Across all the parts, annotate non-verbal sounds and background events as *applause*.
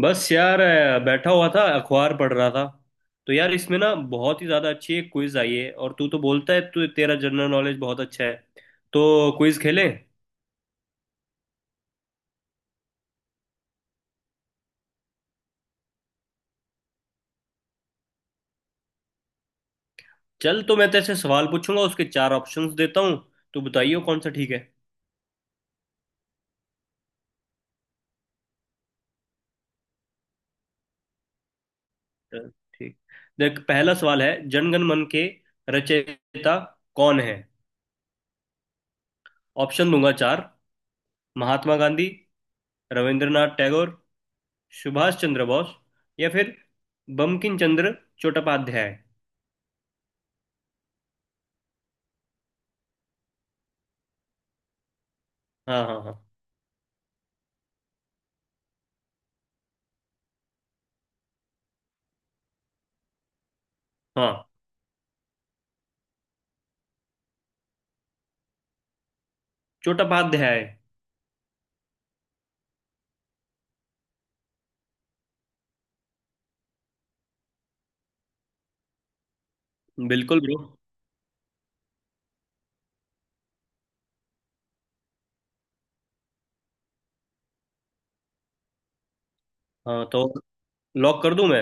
बस यार बैठा हुआ था, अखबार पढ़ रहा था। तो यार इसमें ना बहुत ही ज़्यादा अच्छी एक क्विज आई है। और तू तो बोलता है तू, तेरा जनरल नॉलेज बहुत अच्छा है। तो क्विज खेलें। चल, तो मैं तेरे से सवाल पूछूंगा। उसके चार ऑप्शंस देता हूँ। तू बताइयो कौन सा ठीक है। चल, ठीक। देख पहला सवाल है, जनगण मन के रचयिता कौन है। ऑप्शन दूंगा चार। महात्मा गांधी, रविंद्रनाथ टैगोर, सुभाष चंद्र बोस, या फिर बंकिम चंद्र चट्टोपाध्याय। हाँ हाँ हाँ। हाँ। चट्टोपाध्याय। बिल्कुल ब्रो। हाँ, तो लॉक कर दूं मैं।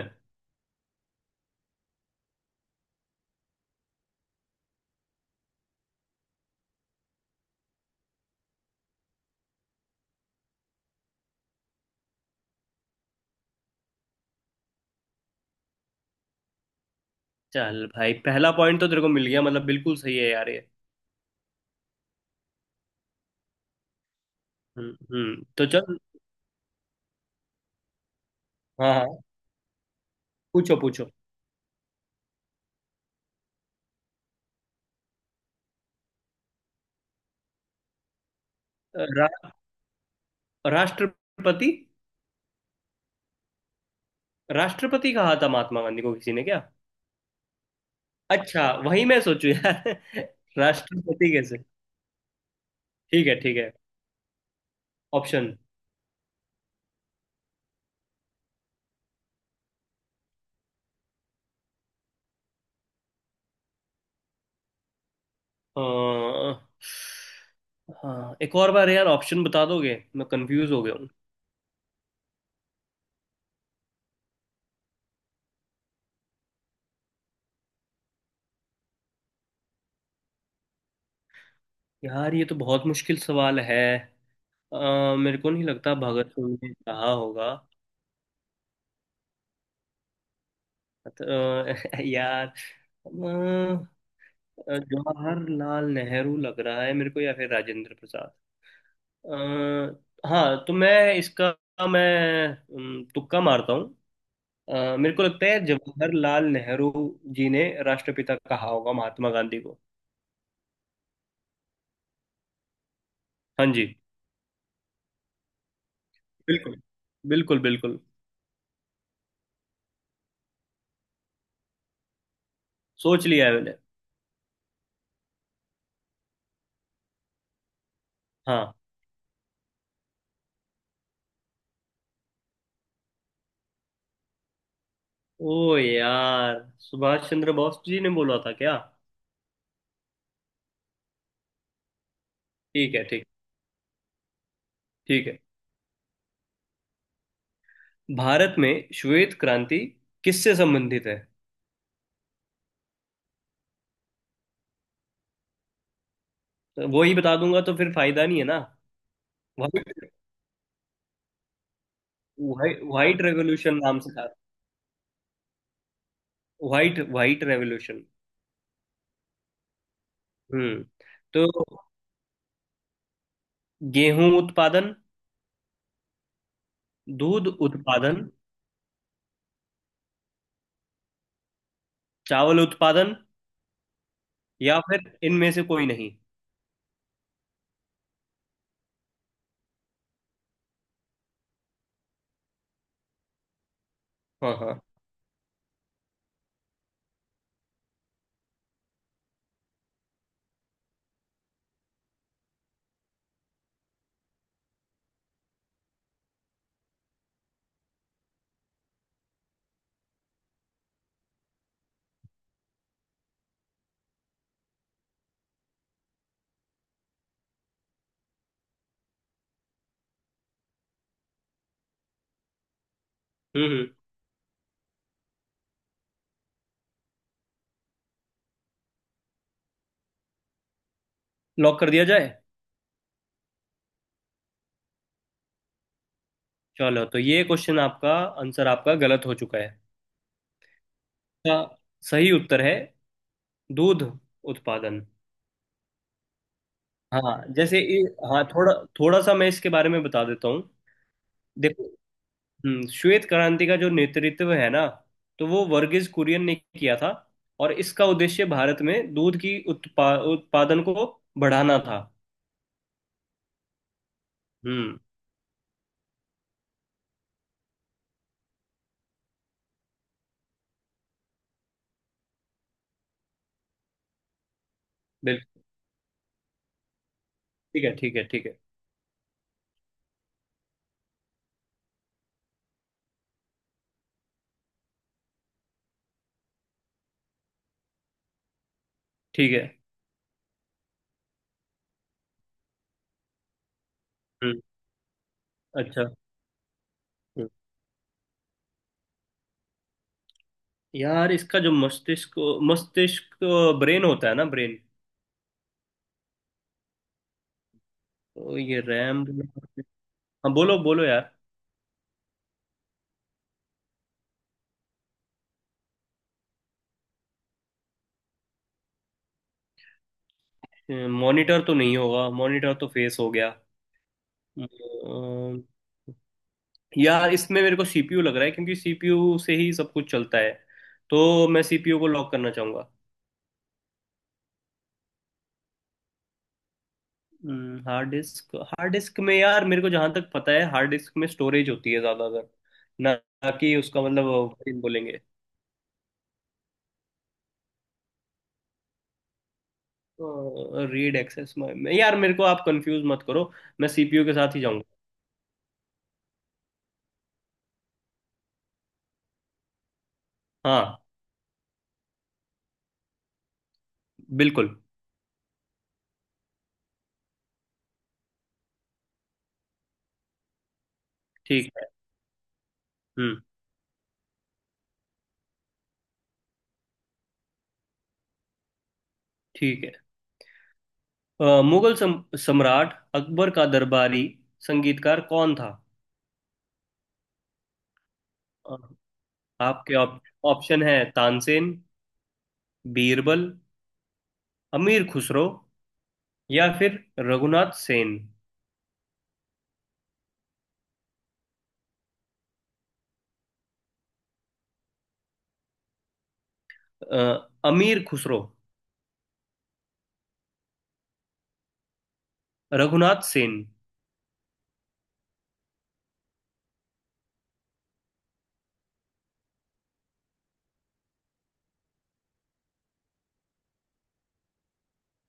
चल भाई, पहला पॉइंट तो तेरे को मिल गया। मतलब बिल्कुल सही है यार ये। तो चल। हाँ हाँ। पूछो पूछो। रा, राष्ट्रपति। राष्ट्रपति कहा था महात्मा गांधी को किसी ने क्या? अच्छा, वही मैं सोचू यार *laughs* राष्ट्रपति कैसे। ठीक है ठीक है। ऑप्शन। हाँ, एक और बार यार ऑप्शन बता दोगे, मैं कंफ्यूज हो गया हूँ। यार ये तो बहुत मुश्किल सवाल है। मेरे को नहीं लगता भगत सिंह ने कहा होगा। अ, *laughs* यार। अ, जवाहरलाल नेहरू लग रहा है मेरे को, या फिर राजेंद्र प्रसाद। हाँ, तो मैं इसका, मैं तुक्का मारता हूँ। मेरे को लगता है जवाहरलाल नेहरू जी ने राष्ट्रपिता कहा होगा महात्मा गांधी को। हाँ जी। बिल्कुल बिल्कुल बिल्कुल। सोच लिया है मैंने। हाँ। ओ यार, सुभाष चंद्र बोस जी ने बोला था क्या? ठीक है ठीक। ठीक है। भारत में श्वेत क्रांति किससे संबंधित है? तो वो ही बता दूंगा तो फिर फायदा नहीं है ना। व्हाइट व्हाइट रेवोल्यूशन नाम से था। White white revolution. हम्म। तो गेहूं उत्पादन, दूध उत्पादन, चावल उत्पादन, या फिर इनमें से कोई नहीं। हाँ हाँ। हम्म। लॉक कर दिया जाए। चलो, तो ये क्वेश्चन आपका, आंसर आपका गलत हो चुका है। इसका सही उत्तर है दूध उत्पादन। हाँ जैसे ये- हाँ, थोड़ा थोड़ा सा मैं इसके बारे में बता देता हूँ। देखो, श्वेत क्रांति का जो नेतृत्व है ना, तो वो वर्गीज कुरियन ने किया था। और इसका उद्देश्य भारत में दूध की उत्पादन को बढ़ाना था। हम्म। बिल्कुल। ठीक है ठीक है ठीक है। ठीक है। हम्म। अच्छा। हम्म। यार इसका जो मस्तिष्क, मस्तिष्क, ब्रेन होता है ना, ब्रेन। तो ये रैम, हाँ। बोलो बोलो यार। मॉनिटर तो नहीं होगा, मॉनिटर तो फेस हो गया। अम्म, यार इसमें मेरे को सीपीयू लग रहा है, क्योंकि सीपीयू से ही सब कुछ चलता है। तो मैं सीपीयू को लॉक करना चाहूंगा। हार्ड डिस्क, हार्ड डिस्क में यार, मेरे को जहां तक पता है, हार्ड डिस्क में स्टोरेज होती है ज्यादातर ना। ना कि उसका मतलब वो बोलेंगे। रीड एक्सेस में, यार मेरे को आप कंफ्यूज मत करो, मैं सीपीयू के साथ ही जाऊंगा। हाँ। बिल्कुल। ठीक है। हम्म। ठीक है। मुगल सम्राट अकबर का दरबारी संगीतकार कौन था? आपके ऑप्शन है तानसेन, बीरबल, अमीर खुसरो, या फिर रघुनाथ सेन। अ, अमीर खुसरो। रघुनाथ सेन।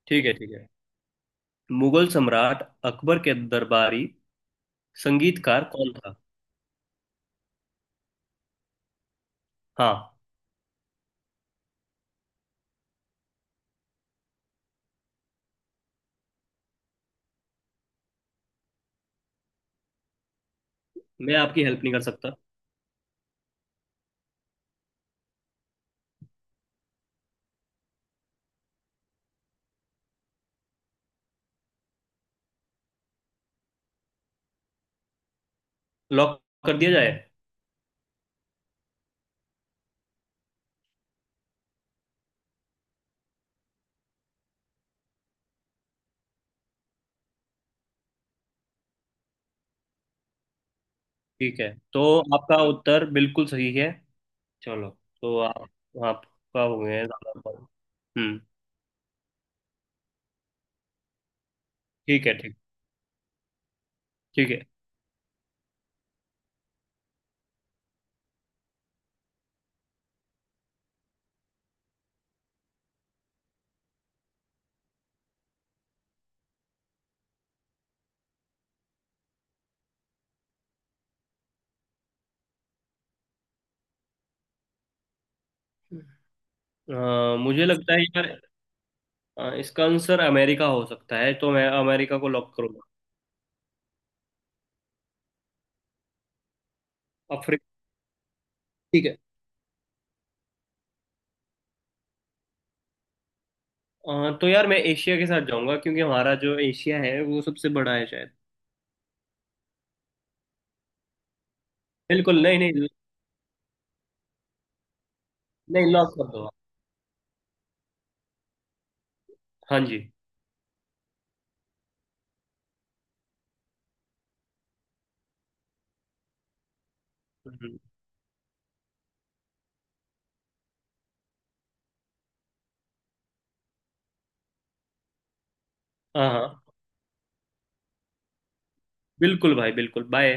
ठीक है ठीक है। मुगल सम्राट अकबर के दरबारी संगीतकार कौन था? हाँ। मैं आपकी हेल्प नहीं कर सकता। लॉक कर दिया जाए। ठीक है, तो आपका उत्तर बिल्कुल सही है। चलो, तो आप, आपका हो गया है ज्यादा पॉइंट। हम्म। ठीक है ठीक। ठीक है। मुझे लगता है यार, इसका आंसर अमेरिका हो सकता है, तो मैं अमेरिका को लॉक करूंगा। अफ्रीका। ठीक है। तो यार मैं एशिया के साथ जाऊंगा, क्योंकि हमारा जो एशिया है वो सबसे बड़ा है शायद। बिल्कुल नहीं नहीं। नहीं, लॉक कर दो। हाँ जी। हम्म। हाँ हाँ, बिल्कुल भाई, बिल्कुल, बाय।